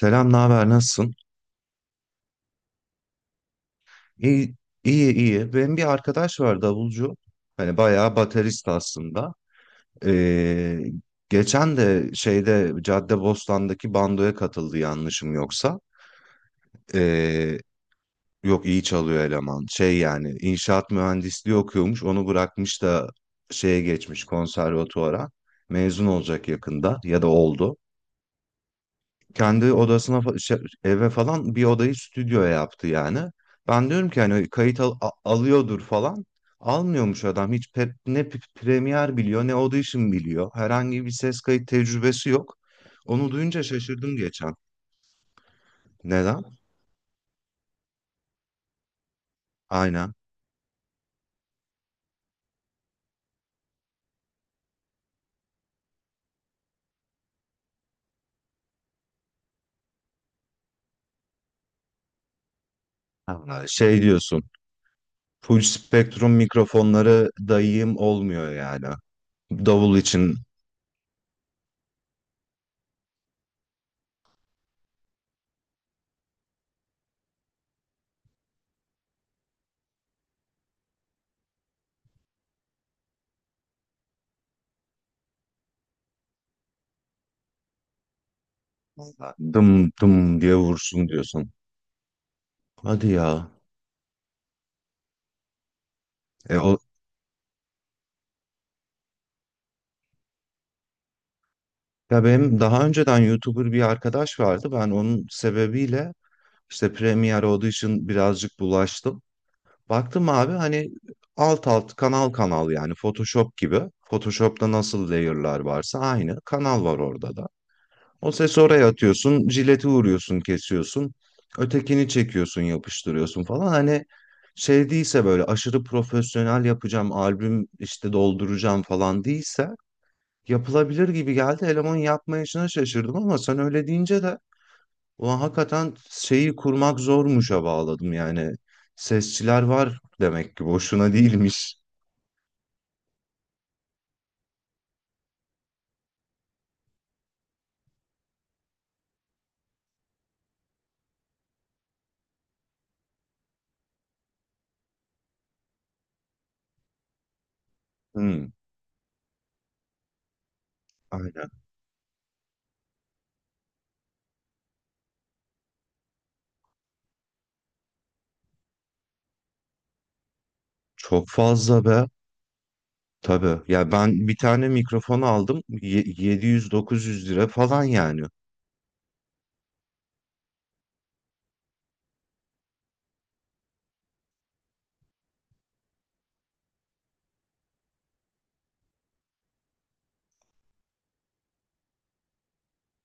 Selam, ne haber, nasılsın? İyi, iyi. Benim bir arkadaş var, davulcu. Hani bayağı baterist aslında. Ee, Geçen de şeyde Caddebostan'daki bandoya katıldı, yanlışım yoksa. Ee, Yok, iyi çalıyor eleman. Şey, yani inşaat mühendisliği okuyormuş. Onu bırakmış da şeye geçmiş, konservatuvara. Mezun olacak yakında ya da oldu. Kendi odasına eve falan bir odayı stüdyoya yaptı yani. Ben diyorum ki hani alıyordur falan. Almıyormuş adam hiç, ne Premiere biliyor ne Audition biliyor. Herhangi bir ses kayıt tecrübesi yok. Onu duyunca şaşırdım geçen. Neden? Aynen. Ha, şey diyorsun. Full spektrum mikrofonları dayayım olmuyor yani. Davul için dım dım diye vursun diyorsun. Hadi ya. E, o, Ya benim daha önceden YouTuber bir arkadaş vardı. Ben onun sebebiyle işte Premiere Audition birazcık bulaştım. Baktım abi, hani alt alt kanal kanal yani Photoshop gibi. Photoshop'ta nasıl layer'lar varsa aynı kanal var orada da. O sesi oraya atıyorsun, jileti vuruyorsun, kesiyorsun. Ötekini çekiyorsun, yapıştırıyorsun falan. Hani şey değilse, böyle aşırı profesyonel yapacağım, albüm işte dolduracağım falan değilse yapılabilir gibi geldi. Elemanın yapmayışına şaşırdım ama sen öyle deyince de ulan hakikaten şeyi kurmak zormuşa bağladım yani. Sesçiler var demek ki, boşuna değilmiş. Hmm, aynen. Çok fazla be. Tabii. Ya ben bir tane mikrofon aldım. 700 900 lira falan yani.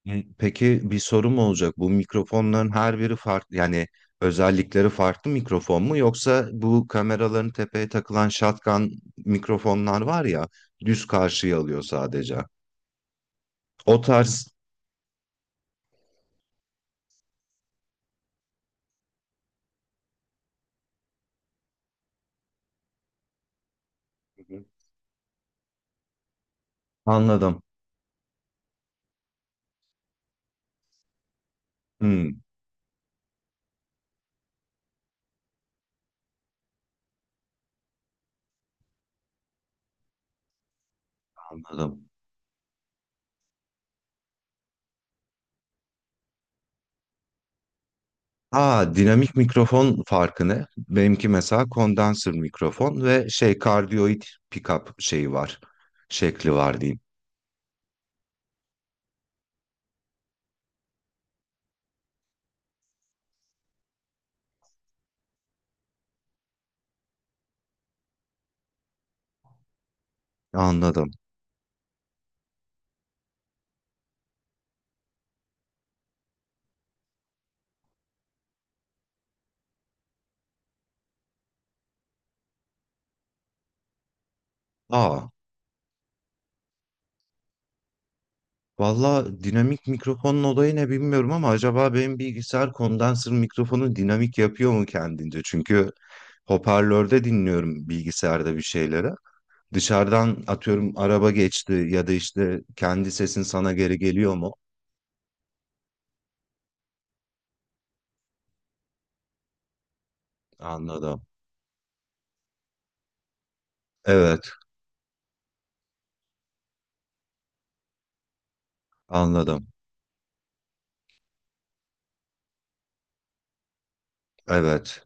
Hı, peki bir sorum olacak. Bu mikrofonların her biri farklı, yani özellikleri farklı mikrofon mu, yoksa bu kameraların tepeye takılan shotgun mikrofonlar var ya, düz karşıya alıyor sadece. O tarz. Hı hı. Anladım. Hı, anladım. Aa, dinamik mikrofon farkı ne? Benimki mesela kondansör mikrofon ve şey, kardiyoid pickup şeyi var. Şekli var diyeyim. Anladım. Aa. Valla dinamik mikrofonun olayı ne bilmiyorum ama acaba benim bilgisayar kondansör mikrofonu dinamik yapıyor mu kendince? Çünkü hoparlörde dinliyorum bilgisayarda bir şeyleri. Dışarıdan atıyorum araba geçti ya da işte kendi sesin sana geri geliyor mu? Anladım. Evet, anladım. Evet.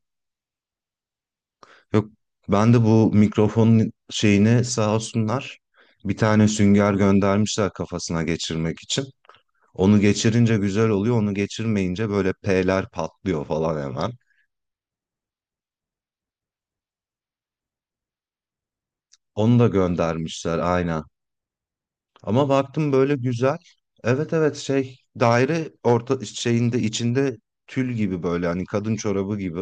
Yok, ben de bu mikrofonun şeyini, sağ olsunlar, bir tane sünger göndermişler kafasına geçirmek için. Onu geçirince güzel oluyor. Onu geçirmeyince böyle P'ler patlıyor falan hemen. Onu da göndermişler aynen. Ama baktım böyle güzel. Evet evet, şey daire orta şeyinde içinde tül gibi, böyle hani kadın çorabı gibi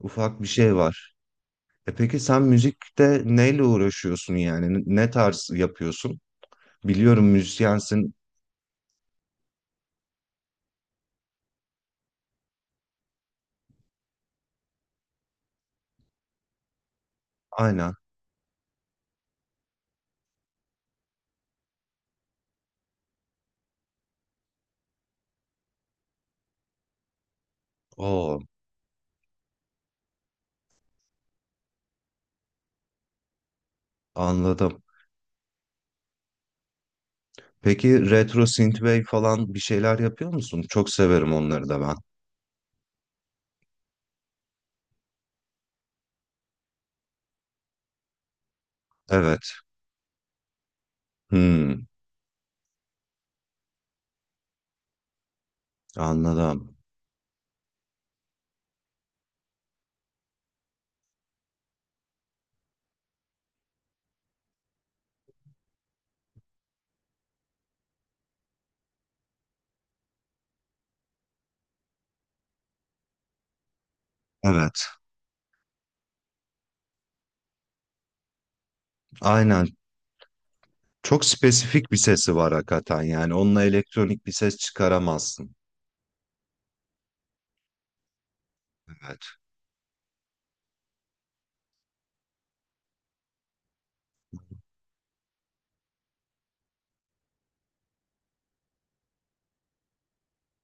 ufak bir şey var. E peki sen müzikte neyle uğraşıyorsun yani? Ne tarz yapıyorsun? Biliyorum müzisyensin. Aynen. Oo, anladım. Peki retro synthwave falan bir şeyler yapıyor musun? Çok severim onları da ben. Evet. Hmm. Anladım. Evet. Aynen. Çok spesifik bir sesi var hakikaten yani. Onunla elektronik bir ses çıkaramazsın. Evet.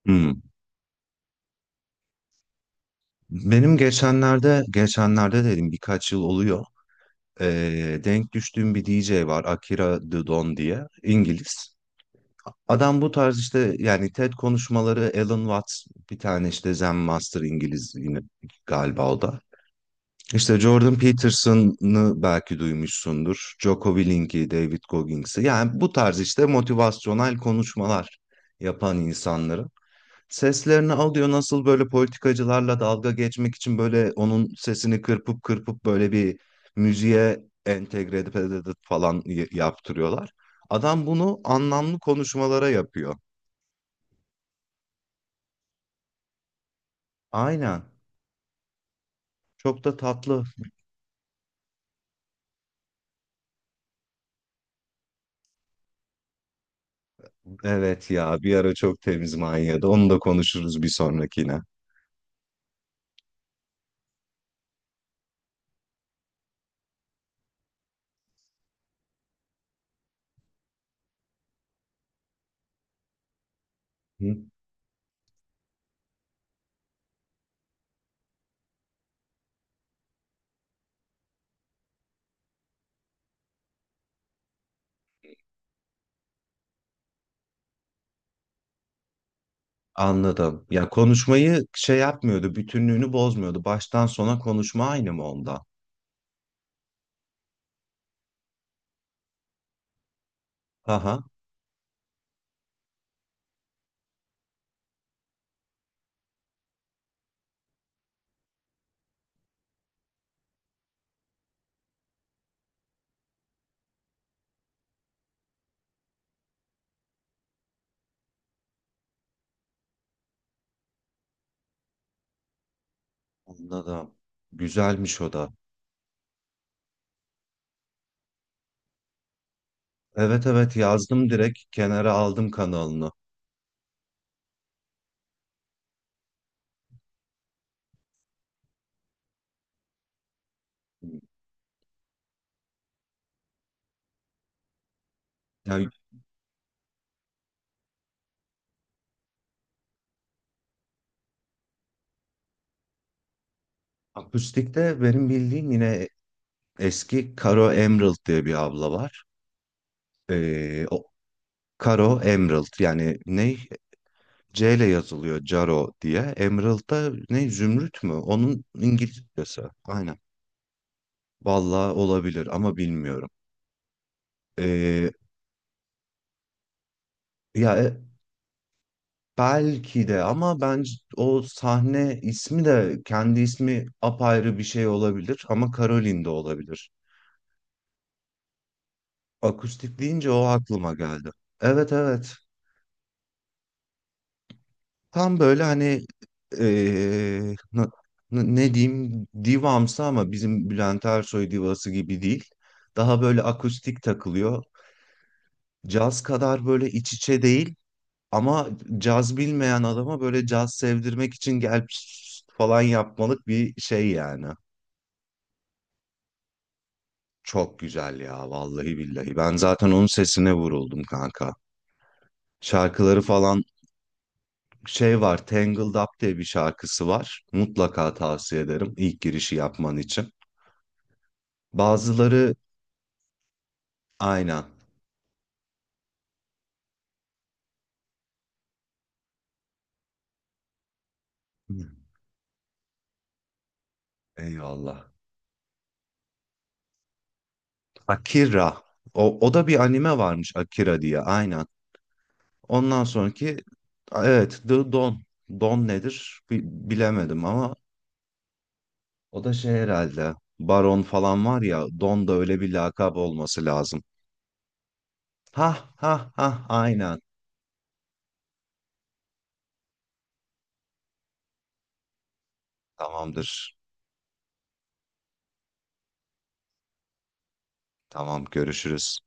Hmm. Benim geçenlerde dedim, birkaç yıl oluyor. Denk düştüğüm bir DJ var. Akira The Don diye. İngiliz. Adam bu tarz işte, yani TED konuşmaları, Alan Watts, bir tane işte Zen Master İngiliz yine galiba o da. İşte Jordan Peterson'ı belki duymuşsundur. Jocko Willink'i, David Goggins'i. Yani bu tarz işte motivasyonel konuşmalar yapan insanların seslerini alıyor. Nasıl böyle politikacılarla dalga geçmek için böyle onun sesini kırpıp kırpıp böyle bir müziğe entegre edip falan yaptırıyorlar. Adam bunu anlamlı konuşmalara yapıyor. Aynen. Çok da tatlı. Evet ya, bir ara çok temiz manyadı. Onu da konuşuruz bir sonrakine. Hı? Anladım. Ya konuşmayı şey yapmıyordu, bütünlüğünü bozmuyordu. Baştan sona konuşma aynı mı onda? Aha, anladım. Güzelmiş o da. Evet evet, yazdım, direkt kenara aldım kanalını. Yani akustikte benim bildiğim yine eski Karo Emerald diye bir abla var. O Karo Emerald, yani ne, C ile yazılıyor, Caro diye. Emerald da ne, Zümrüt mü? Onun İngilizcesi. Aynen. Vallahi olabilir ama bilmiyorum. Ya belki de, ama bence o sahne ismi de, kendi ismi apayrı bir şey olabilir ama Caroline de olabilir. Akustik deyince o aklıma geldi. Evet evet. Tam böyle hani, e, na- ne diyeyim, divamsı, ama bizim Bülent Ersoy divası gibi değil. Daha böyle akustik takılıyor. Caz kadar böyle iç içe değil. Ama caz bilmeyen adama böyle caz sevdirmek için gel falan yapmalık bir şey yani. Çok güzel ya, vallahi billahi. Ben zaten onun sesine vuruldum kanka. Şarkıları falan, şey var, Tangled Up diye bir şarkısı var. Mutlaka tavsiye ederim ilk girişi yapman için. Bazıları aynen. Eyvallah. Akira. O, o da bir anime varmış Akira diye. Aynen. Ondan sonraki evet, The Don. Don nedir bilemedim ama o da şey herhalde, Baron falan var ya, Don da öyle bir lakap olması lazım. Ha ha ha, aynen, tamamdır. Tamam, görüşürüz.